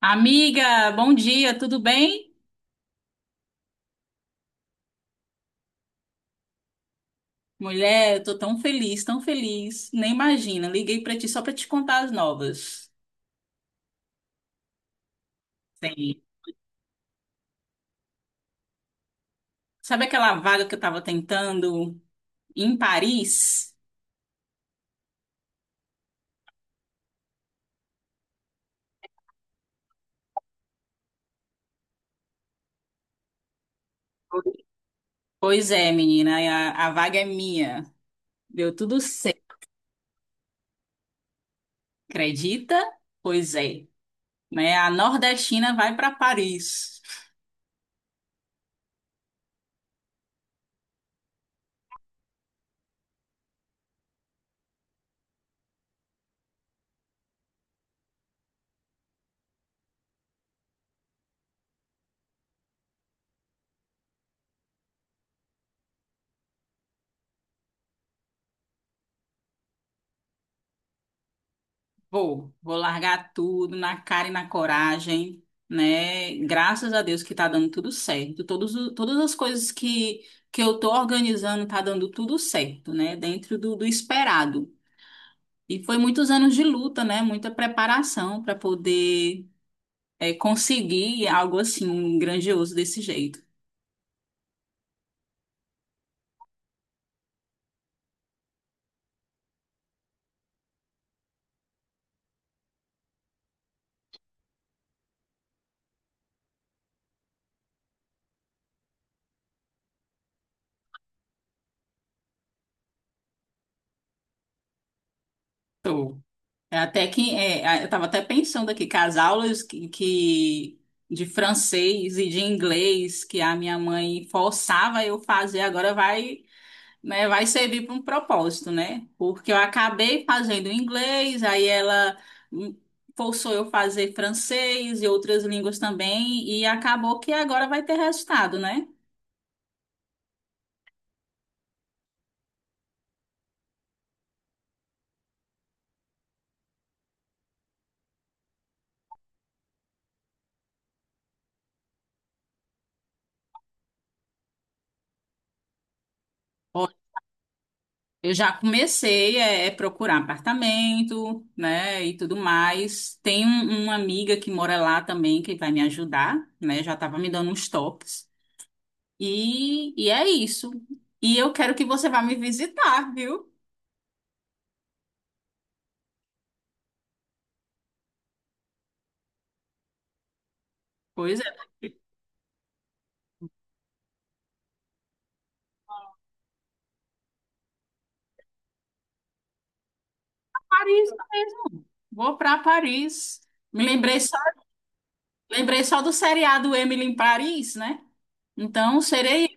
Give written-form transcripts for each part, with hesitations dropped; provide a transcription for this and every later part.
Amiga, bom dia, tudo bem? Mulher, eu tô tão feliz, nem imagina. Liguei pra ti só pra te contar as novas. Sim. Sabe aquela vaga que eu tava tentando em Paris? Pois é, menina, a vaga é minha. Deu tudo certo, acredita? Pois é, né? A nordestina vai pra Paris. Vou, vou largar tudo na cara e na coragem, né? Graças a Deus que tá dando tudo certo. Todas as coisas que eu tô organizando tá dando tudo certo, né? Dentro do esperado. E foi muitos anos de luta, né? Muita preparação para poder conseguir algo assim, um grandioso desse jeito. Tô. É até que é, a- Eu estava até pensando aqui que as aulas de francês e de inglês que a minha mãe forçava eu fazer agora vai, né, vai servir para um propósito, né? Porque eu acabei fazendo inglês, aí ela hum, forçou eu fazer francês e outras línguas também e acabou que agora vai ter resultado, né? Eu já comecei procurar apartamento, né, e tudo mais. Uma amiga que mora lá também que vai me ajudar, né? Já estava me dando uns toques. E é isso. E eu quero que você vá me visitar, viu? Pois é, Paris mesmo. Vou para Paris. Me lembrei só do seriado Emily em Paris, né? Então serei.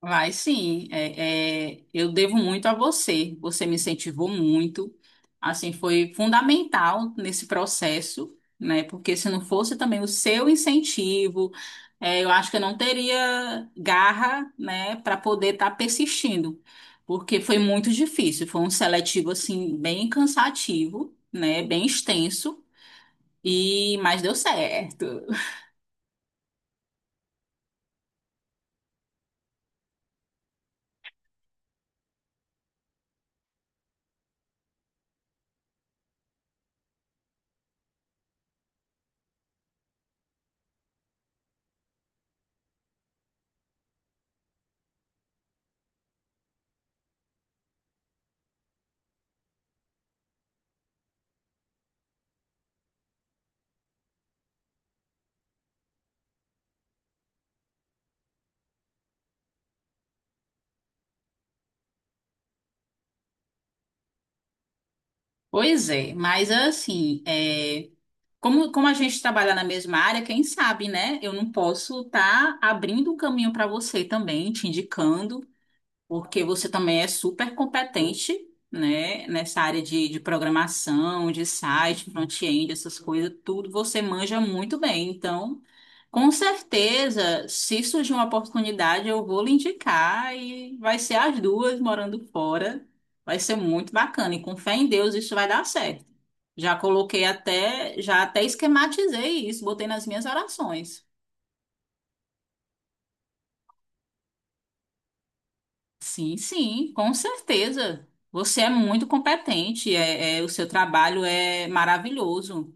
Vai sim, eu devo muito a você. Você me incentivou muito, assim foi fundamental nesse processo, né? Porque se não fosse também o seu incentivo, eu acho que eu não teria garra, né, para poder estar persistindo, porque foi muito difícil. Foi um seletivo assim bem cansativo, né? Bem extenso e mas deu certo. Pois é, mas assim, é. Como a gente trabalha na mesma área, quem sabe, né? Eu não posso estar abrindo um caminho para você também, te indicando, porque você também é super competente, né? Nessa área de programação, de site, front-end, essas coisas, tudo você manja muito bem. Então, com certeza, se surgir uma oportunidade, eu vou lhe indicar e vai ser as duas morando fora. Vai ser muito bacana. E com fé em Deus, isso vai dar certo. Já coloquei até, já até esquematizei isso, botei nas minhas orações. Sim, sim, com certeza. Você é muito competente, o seu trabalho é maravilhoso.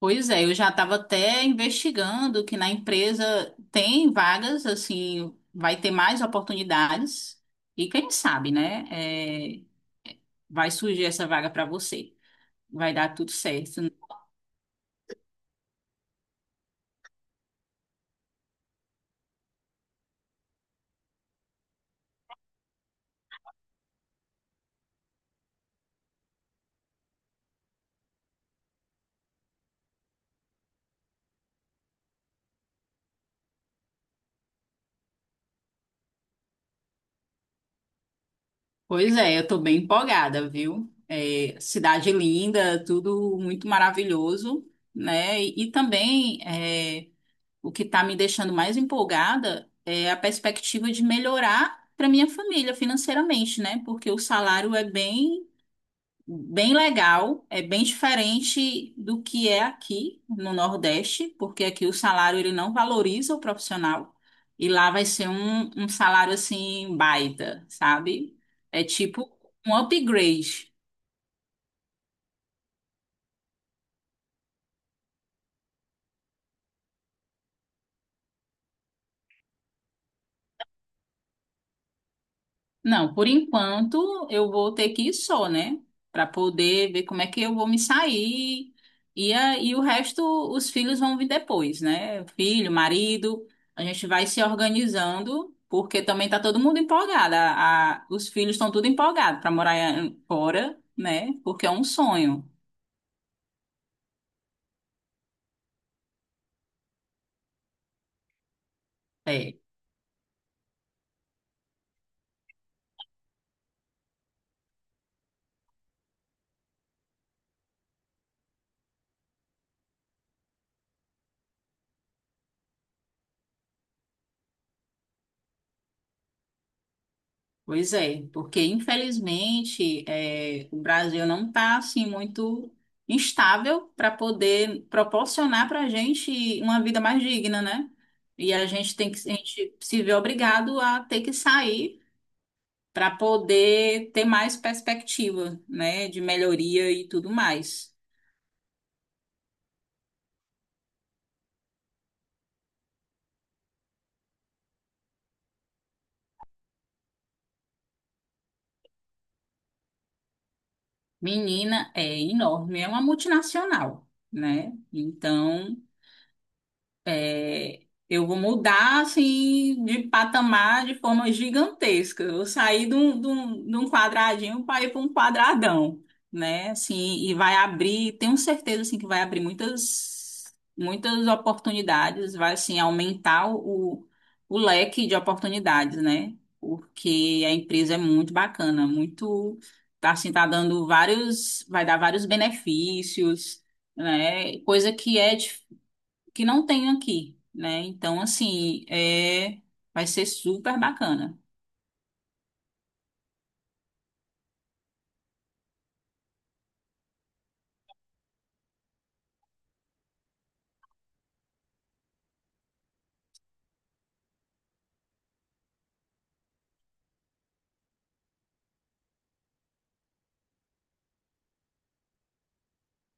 Pois é, eu já estava até investigando que na empresa tem vagas, assim, vai ter mais oportunidades. E quem sabe, né? Vai surgir essa vaga para você. Vai dar tudo certo. Pois é, eu tô bem empolgada, viu? É, cidade linda, tudo muito maravilhoso, né? Também é, o que tá me deixando mais empolgada é a perspectiva de melhorar para minha família financeiramente, né? Porque o salário é bem bem legal, é bem diferente do que é aqui no Nordeste, porque aqui o salário ele não valoriza o profissional e lá vai ser um salário assim baita, sabe? É tipo um upgrade. Não, por enquanto eu vou ter que ir só, né? Para poder ver como é que eu vou me sair. E o resto, os filhos vão vir depois, né? Filho, marido, a gente vai se organizando, porque também tá todo mundo empolgado. Os filhos estão tudo empolgados para morar fora, né? Porque é um sonho. É. Pois é, porque infelizmente o Brasil não está assim muito instável para poder proporcionar para a gente uma vida mais digna, né? E a gente tem que, a gente se vê obrigado a ter que sair para poder ter mais perspectiva, né, de melhoria e tudo mais. Menina é enorme, é uma multinacional, né? Então é, eu vou mudar assim de patamar de forma gigantesca. Eu saí de um quadradinho para ir para um quadradão, né? Assim, e vai abrir, tenho certeza assim que vai abrir muitas oportunidades, vai assim aumentar o leque de oportunidades, né? Porque a empresa é muito bacana, muito tá assim tá dando vários, vai dar vários benefícios, né? Coisa que é que não tem aqui, né? Então, assim, é, vai ser super bacana.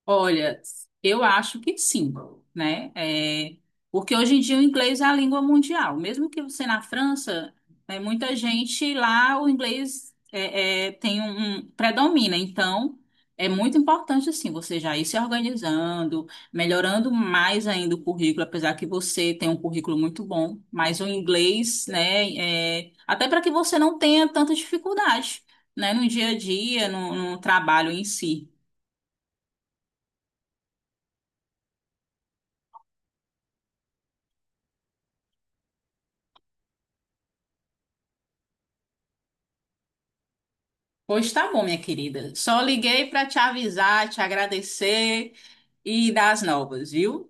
Olha, eu acho que sim, né? É, porque hoje em dia o inglês é a língua mundial. Mesmo que você na França, é, muita gente lá o inglês tem um predomina. Então, é muito importante assim você já ir se organizando, melhorando mais ainda o currículo, apesar que você tem um currículo muito bom, mas o inglês, né? é, até para que você não tenha tanta dificuldade, né? No dia a dia, no trabalho em si. Pois tá bom, minha querida. Só liguei para te avisar, te agradecer e dar as novas, viu?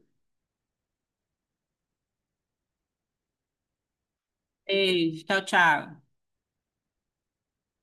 Beijo, tchau, tchau.